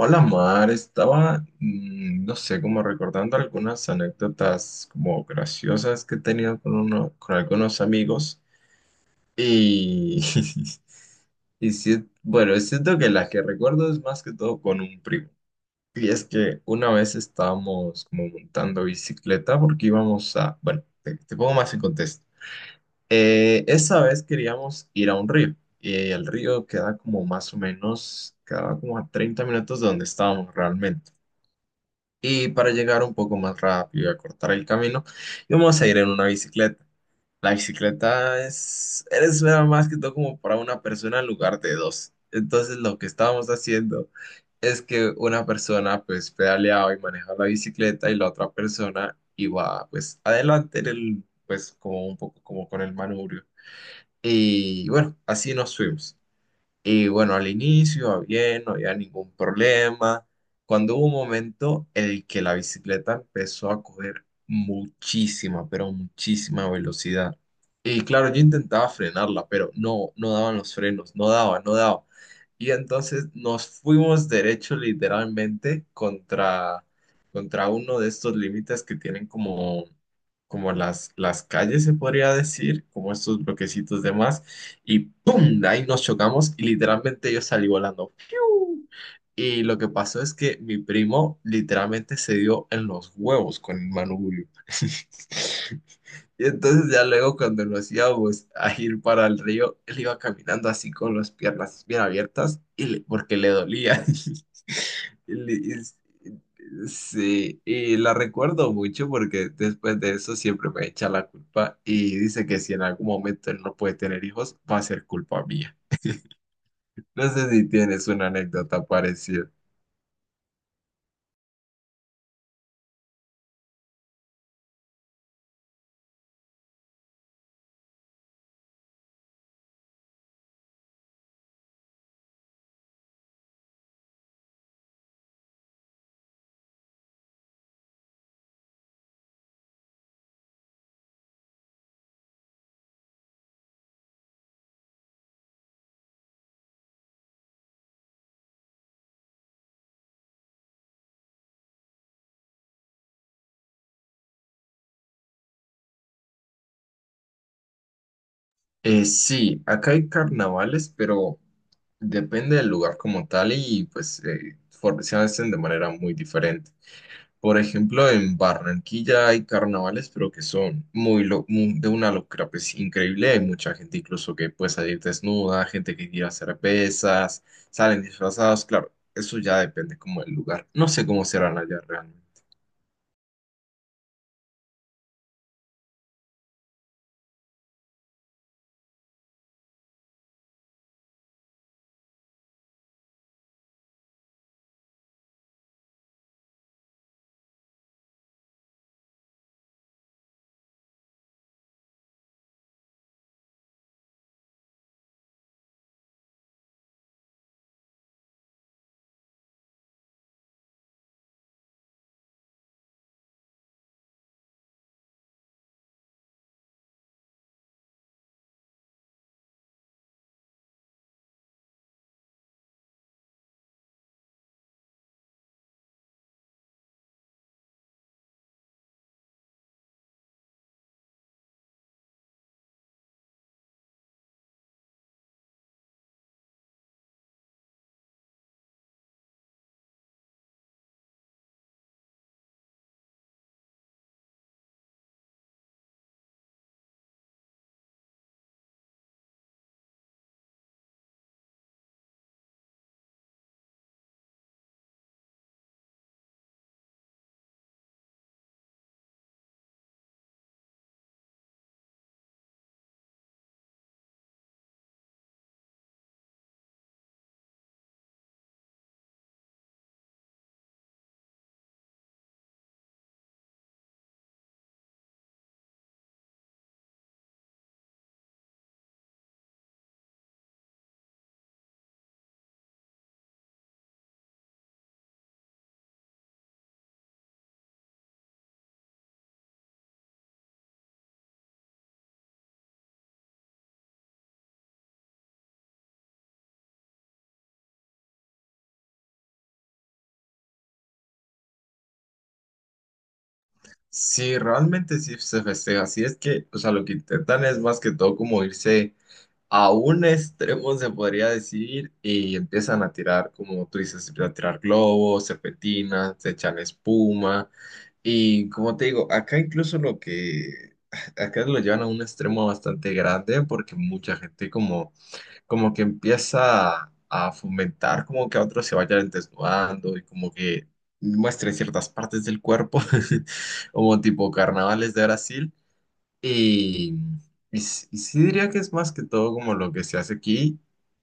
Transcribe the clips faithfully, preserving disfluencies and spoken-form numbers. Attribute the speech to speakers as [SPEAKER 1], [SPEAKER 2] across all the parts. [SPEAKER 1] Hola Mar, estaba, mm, no sé, como recordando algunas anécdotas como graciosas que he tenido con, uno, con algunos amigos y, y sí, bueno, es cierto que la que recuerdo es más que todo con un primo. Y es que una vez estábamos como montando bicicleta porque íbamos a, bueno, te, te pongo más en contexto. Eh, esa vez queríamos ir a un río y el río queda como más o menos, quedaba como a treinta minutos de donde estábamos realmente. Y para llegar un poco más rápido y acortar el camino, vamos a ir en una bicicleta. La bicicleta es, es nada más que todo como para una persona en lugar de dos. Entonces lo que estábamos haciendo es que una persona pues pedaleaba y manejaba la bicicleta y la otra persona iba pues adelante en el, pues como un poco como con el manubrio. Y bueno, así nos fuimos. Y bueno, al inicio, bien, no había ningún problema. Cuando hubo un momento en el que la bicicleta empezó a coger muchísima, pero muchísima velocidad. Y claro, yo intentaba frenarla, pero no, no daban los frenos, no daba, no daba. Y entonces nos fuimos derecho literalmente contra, contra uno de estos límites que tienen como como las, las calles, se podría decir, como estos bloquecitos de más, y ¡pum! De ahí nos chocamos y literalmente yo salí volando. ¡Piu! Y lo que pasó es que mi primo literalmente se dio en los huevos con el manubrio. Y entonces ya luego cuando nos íbamos a ir para el río, él iba caminando así con las piernas bien abiertas y le- porque le dolía. Y le- y- sí, y la recuerdo mucho porque después de eso siempre me echa la culpa y dice que si en algún momento él no puede tener hijos, va a ser culpa mía. No sé si tienes una anécdota parecida. Eh, sí, acá hay carnavales, pero depende del lugar como tal y pues eh, for- se hacen de manera muy diferente. Por ejemplo, en Barranquilla hay carnavales, pero que son muy, lo- mu- de una locura pues increíble. Hay mucha gente incluso que puede salir desnuda, gente que quiere hacer pesas, salen disfrazados. Claro, eso ya depende como del lugar. No sé cómo serán allá realmente. Sí, realmente sí se festeja. Así es que, o sea, lo que intentan es más que todo como irse a un extremo, se podría decir, y empiezan a tirar, como tú dices, a tirar globos, serpentinas, se echan espuma, y como te digo, acá incluso lo que, acá lo llevan a un extremo bastante grande porque mucha gente como, como que empieza a fomentar como que a otros se vayan desnudando y como que muestren ciertas partes del cuerpo, como tipo carnavales de Brasil. Y, y s- y sí diría que es más que todo como lo que se hace aquí.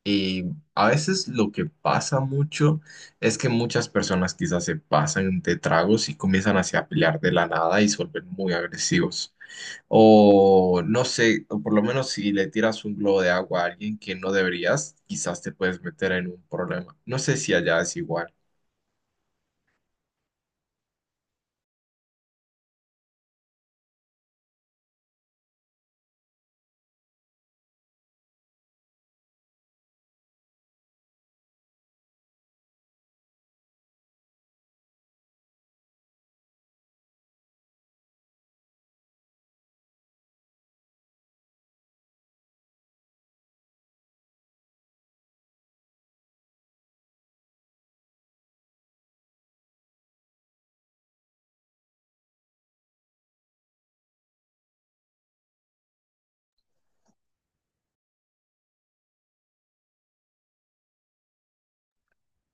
[SPEAKER 1] Y a veces lo que pasa mucho es que muchas personas quizás se pasan de tragos y comienzan así a pelear de la nada y se vuelven muy agresivos. O no sé, o por lo menos si le tiras un globo de agua a alguien que no deberías, quizás te puedes meter en un problema. No sé si allá es igual.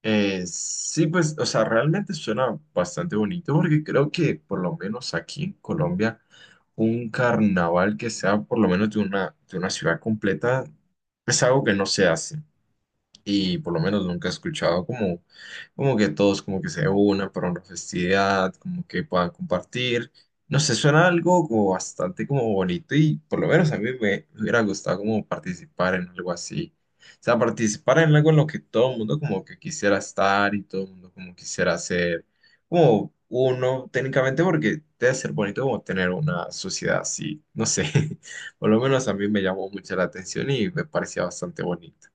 [SPEAKER 1] Eh, sí, pues, o sea, realmente suena bastante bonito porque creo que por lo menos aquí en Colombia un carnaval que sea por lo menos de una, de una ciudad completa es algo que no se hace y por lo menos nunca he escuchado como, como que todos como que se unan para una festividad, como que puedan compartir. No sé, suena algo como bastante como bonito y por lo menos a mí me hubiera gustado como participar en algo así. O sea, participar en algo en lo que todo el mundo como que quisiera estar y todo el mundo como quisiera ser como uno técnicamente porque debe ser bonito como tener una sociedad así, no sé. Por lo menos a mí me llamó mucho la atención y me parecía bastante bonito.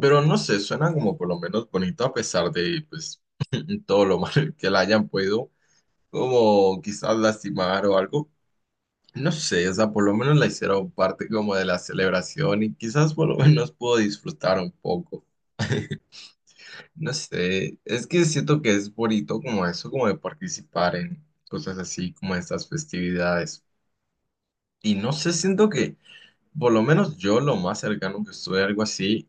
[SPEAKER 1] Pero no sé, suena como por lo menos bonito a pesar de pues todo lo mal que la hayan podido, como quizás lastimar o algo. No sé, o sea, por lo menos la hicieron parte como de la celebración y quizás por lo menos pudo disfrutar un poco. No sé, es que siento que es bonito como eso, como de participar en cosas así, como estas festividades. Y no sé, siento que por lo menos yo lo más cercano que estuve a algo así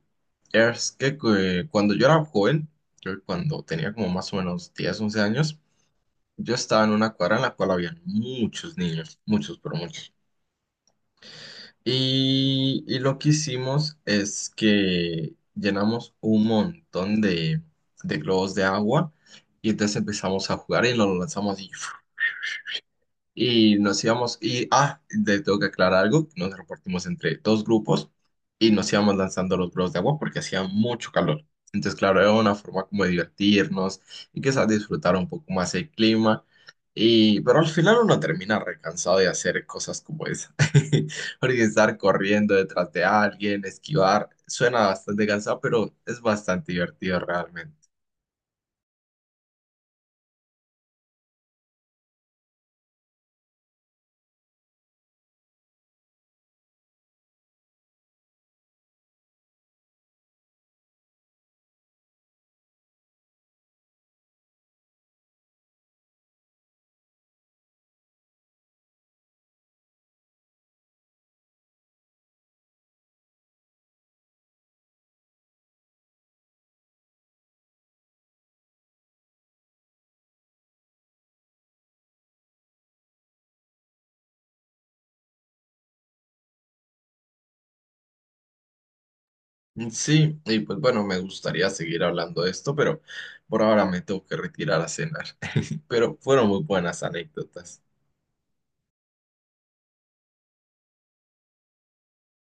[SPEAKER 1] es que eh, cuando yo era joven, yo cuando tenía como más o menos diez once años, yo estaba en una cuadra en la cual había muchos niños, muchos, pero muchos. Y, y lo que hicimos es que llenamos un montón de, de globos de agua y entonces empezamos a jugar y los lanzamos así. Y nos íbamos, y ah, de- tengo que aclarar algo, nos repartimos entre dos grupos y nos íbamos lanzando los globos de agua porque hacía mucho calor. Entonces, claro, era una forma como de divertirnos y quizás disfrutar un poco más el clima. Y, pero al final uno termina recansado de hacer cosas como esa. Porque estar corriendo detrás de alguien, esquivar, suena bastante cansado, pero es bastante divertido realmente. Mm, Sí, y pues bueno, me gustaría seguir hablando de esto, pero por ahora me tengo que retirar a cenar. Pero fueron muy buenas anécdotas.